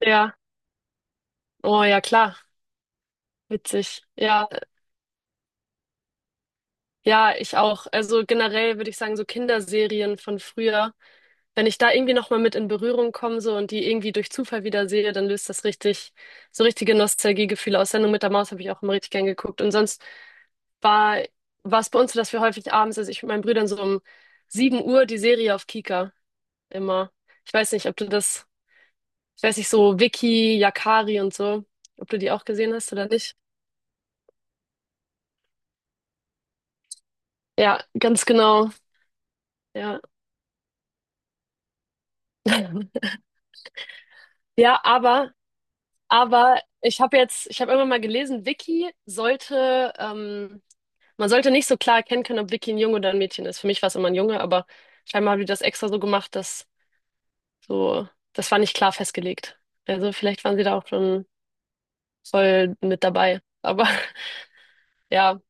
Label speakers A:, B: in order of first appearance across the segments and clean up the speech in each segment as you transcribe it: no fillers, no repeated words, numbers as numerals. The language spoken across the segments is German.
A: Ja, oh ja, klar, witzig. Ja, ja, ich auch. Also generell würde ich sagen, so Kinderserien von früher, wenn ich da irgendwie nochmal mit in Berührung komme so und die irgendwie durch Zufall wieder sehe, dann löst das richtig, so richtige Nostalgiegefühle aus. Sendung mit der Maus habe ich auch immer richtig gern geguckt. Und sonst war, war es bei uns so, dass wir häufig abends, also ich mit meinen Brüdern so um 7 Uhr die Serie auf Kika immer. Ich weiß nicht, ob du das, ich weiß nicht, so Vicky, Yakari und so, ob du die auch gesehen hast oder nicht. Ja, ganz genau. Ja. Ja, aber ich habe immer mal gelesen, Vicky sollte, man sollte nicht so klar erkennen können, ob Vicky ein Junge oder ein Mädchen ist. Für mich war es immer ein Junge, aber scheinbar haben die das extra so gemacht, dass so, das war nicht klar festgelegt. Also vielleicht waren sie da auch schon voll mit dabei. Aber ja,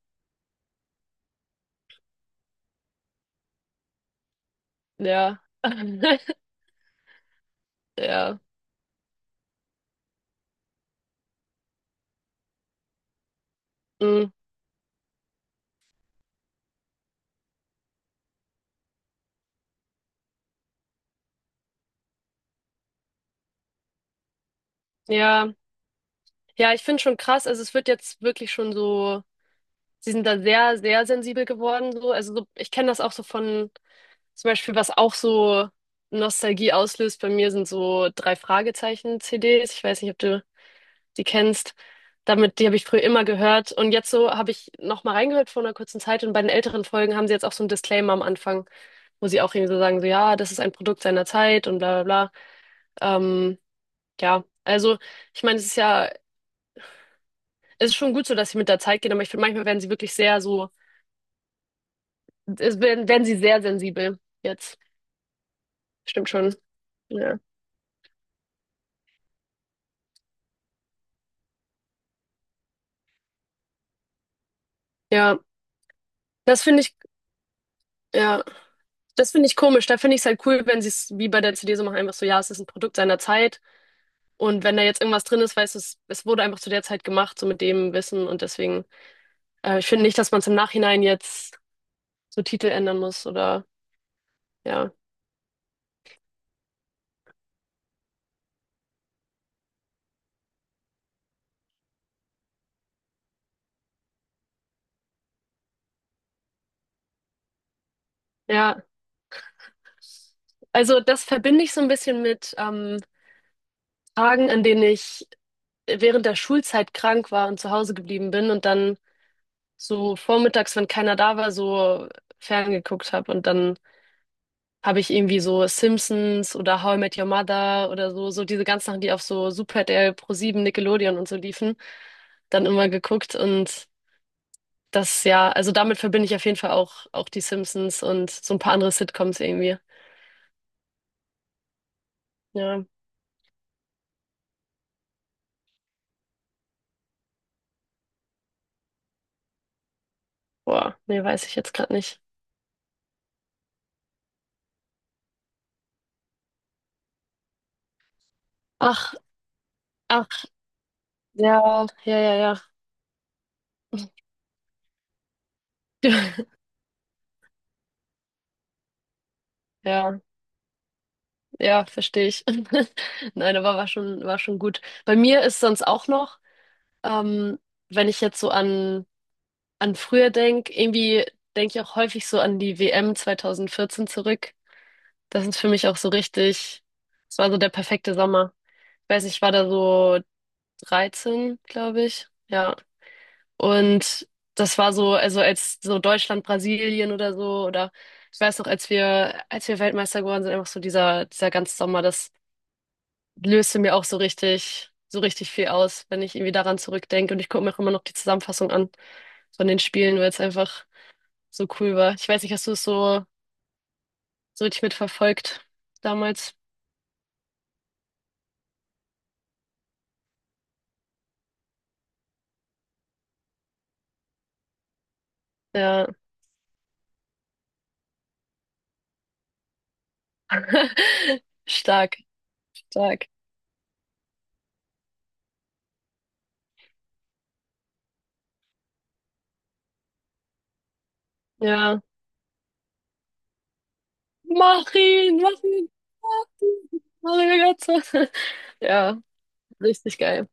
A: ja, ja, mm, ja, ja, ich finde schon krass. Also es wird jetzt wirklich schon so, sie sind da sehr, sehr sensibel geworden, so. Also so, ich kenne das auch so von. Zum Beispiel, was auch so Nostalgie auslöst bei mir, sind so drei Fragezeichen-CDs. Ich weiß nicht, ob du die kennst. Damit, die habe ich früher immer gehört. Und jetzt so habe ich noch mal reingehört vor einer kurzen Zeit. Und bei den älteren Folgen haben sie jetzt auch so einen Disclaimer am Anfang, wo sie auch irgendwie so sagen, so ja, das ist ein Produkt seiner Zeit und bla bla bla. Ja, also ich meine, es ist ja, es ist schon gut so, dass sie mit der Zeit gehen, aber ich finde, manchmal werden sie wirklich sehr so, es werden sie sehr sensibel jetzt. Stimmt schon. Ja. Ja, das finde ich. Ja. Das finde ich komisch. Da finde ich es halt cool, wenn sie es wie bei der CD so machen, einfach so, ja, es ist ein Produkt seiner Zeit. Und wenn da jetzt irgendwas drin ist, weißt du, es wurde einfach zu der Zeit gemacht, so mit dem Wissen. Und deswegen, ich finde nicht, dass man es im Nachhinein jetzt so Titel ändern muss oder ja. Ja, also das verbinde ich so ein bisschen mit Tagen, an denen ich während der Schulzeit krank war und zu Hause geblieben bin und dann so vormittags, wenn keiner da war, so ferngeguckt habe und dann habe ich irgendwie so Simpsons oder How I Met Your Mother oder so, so diese ganzen Sachen, die auf so Super DR, ProSieben Nickelodeon und so liefen, dann immer geguckt und das ja, also damit verbinde ich auf jeden Fall auch die Simpsons und so ein paar andere Sitcoms irgendwie. Ja, boah, nee, weiß ich jetzt gerade nicht. Ach, ach, ja, ja, ja, ja. Ja, ja, verstehe ich. Nein, aber war schon gut. Bei mir ist sonst auch noch, ähm, wenn ich jetzt so an früher denk, irgendwie denke ich auch häufig so an die WM 2014 zurück. Das ist für mich auch so richtig, es war so der perfekte Sommer. Ich weiß nicht, ich war da so 13, glaube ich. Ja. Und das war so, also als so Deutschland, Brasilien oder so, oder ich weiß noch, als wir Weltmeister geworden sind, einfach so dieser ganze Sommer, das löste mir auch so richtig viel aus, wenn ich irgendwie daran zurückdenke. Und ich gucke mir auch immer noch die Zusammenfassung an von den Spielen, weil es einfach so cool war. Ich weiß nicht, hast du es so richtig mitverfolgt damals? Ja. Stark, stark. Ja. Mach ihn, mach ihn. Mario Götze. Ja, richtig geil.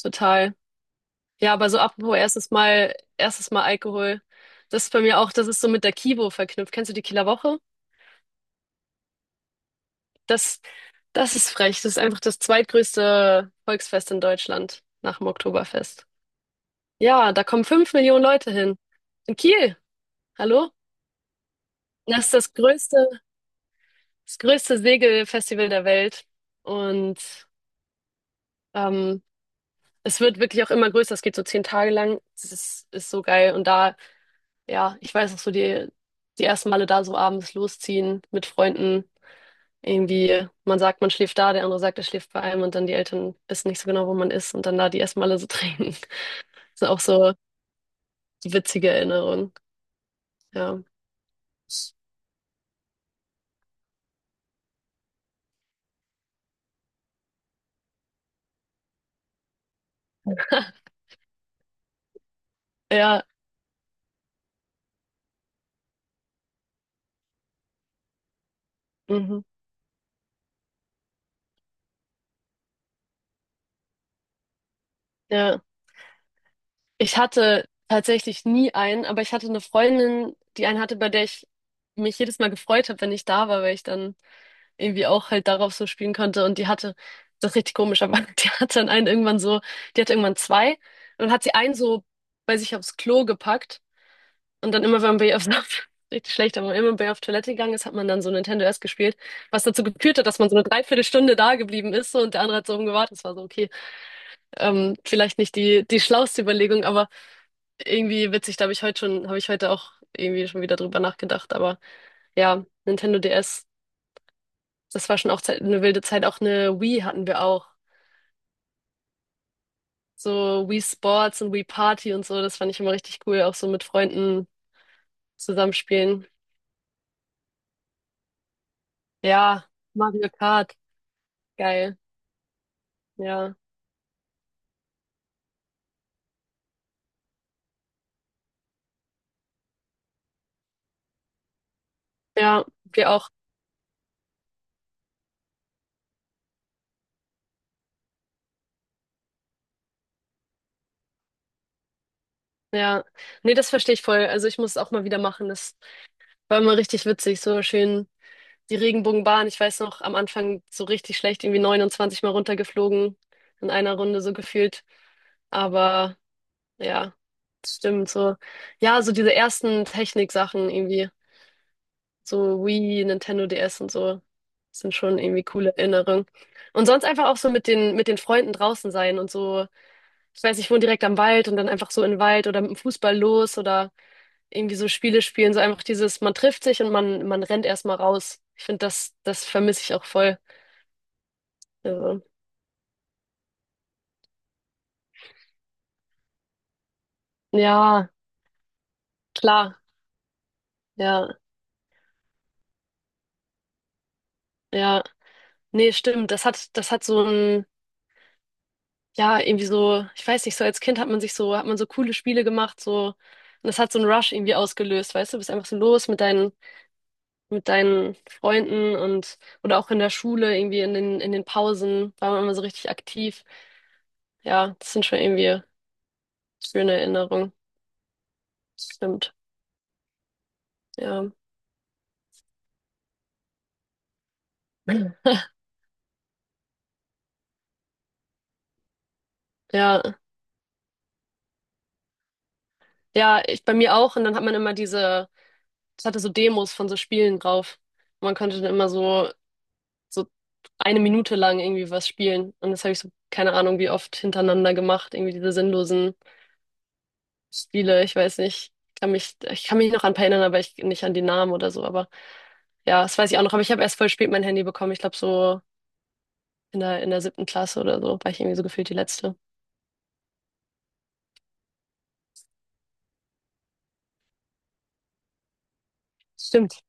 A: Total. Ja, aber so apropos erstes Mal Alkohol. Das ist bei mir auch, das ist so mit der Kivo verknüpft. Kennst du die Kieler Woche? Das, das ist frech. Das ist einfach das zweitgrößte Volksfest in Deutschland nach dem Oktoberfest. Ja, da kommen 5 Millionen Leute hin. In Kiel. Hallo? Das ist das größte Segelfestival der Welt. Und ähm, es wird wirklich auch immer größer. Es geht so 10 Tage lang. Das ist so geil. Und da, ja, ich weiß noch so, die ersten Male da so abends losziehen mit Freunden. Irgendwie, man sagt, man schläft da, der andere sagt, er schläft bei einem und dann die Eltern wissen nicht so genau, wo man ist und dann da die ersten Male so trinken. Das sind auch so witzige Erinnerungen. Ja. Ja. Mhm. Ja. Ich hatte tatsächlich nie einen, aber ich hatte eine Freundin, die einen hatte, bei der ich mich jedes Mal gefreut habe, wenn ich da war, weil ich dann irgendwie auch halt darauf so spielen konnte. Und die hatte, das ist richtig komisch, aber die hatte dann einen irgendwann so, die hatte irgendwann zwei und dann hat sie einen so bei sich aufs Klo gepackt und dann immer, wenn man bei ihr auf, richtig schlecht, aber immer bei ihr auf Toilette gegangen ist, hat man dann so Nintendo S gespielt, was dazu geführt hat, dass man so eine Dreiviertelstunde da geblieben ist so, und der andere hat so rumgewartet. Das war so, okay, vielleicht nicht die schlauste Überlegung, aber irgendwie witzig, da habe ich heute schon, habe ich heute auch irgendwie schon wieder drüber nachgedacht. Aber ja, Nintendo DS, das war schon auch Zeit, eine wilde Zeit. Auch eine Wii hatten wir auch. So Wii Sports und Wii Party und so, das fand ich immer richtig cool, auch so mit Freunden zusammenspielen. Ja, Mario Kart, geil. Ja. Ja, wir auch. Ja. Nee, das verstehe ich voll. Also ich muss es auch mal wieder machen. Das war immer richtig witzig, so schön die Regenbogenbahn, ich weiß noch, am Anfang so richtig schlecht, irgendwie 29 Mal runtergeflogen in einer Runde so gefühlt. Aber ja, das stimmt so. Ja, so diese ersten Techniksachen irgendwie, so Wii, Nintendo DS und so, sind schon irgendwie coole Erinnerungen. Und sonst einfach auch so mit den Freunden draußen sein und so, ich weiß, ich wohne direkt am Wald und dann einfach so in den Wald oder mit dem Fußball los oder irgendwie so Spiele spielen, so einfach dieses, man trifft sich und man rennt erstmal raus. Ich finde, das vermisse ich auch voll. Also, ja, klar, ja, ja. Nee, stimmt. Das hat so ein, ja, irgendwie so, ich weiß nicht, so als Kind hat man sich so, hat man so coole Spiele gemacht, so, und das hat so einen Rush irgendwie ausgelöst, weißt du, du bist einfach so los mit deinen, Freunden und oder auch in der Schule, irgendwie in den Pausen, war man immer so richtig aktiv. Ja, das sind schon irgendwie schöne Erinnerungen. Stimmt. Ja. Ja. Ja, ich bei mir auch. Und dann hat man immer diese, es hatte so Demos von so Spielen drauf. Und man konnte dann immer so eine Minute lang irgendwie was spielen. Und das habe ich so, keine Ahnung, wie oft hintereinander gemacht. Irgendwie diese sinnlosen Spiele. Ich weiß nicht. Ich kann mich noch an ein paar erinnern, aber ich nicht an die Namen oder so. Aber ja, das weiß ich auch noch. Aber ich habe erst voll spät mein Handy bekommen. Ich glaube so in der siebten Klasse oder so war ich irgendwie so gefühlt die letzte. Stimmt.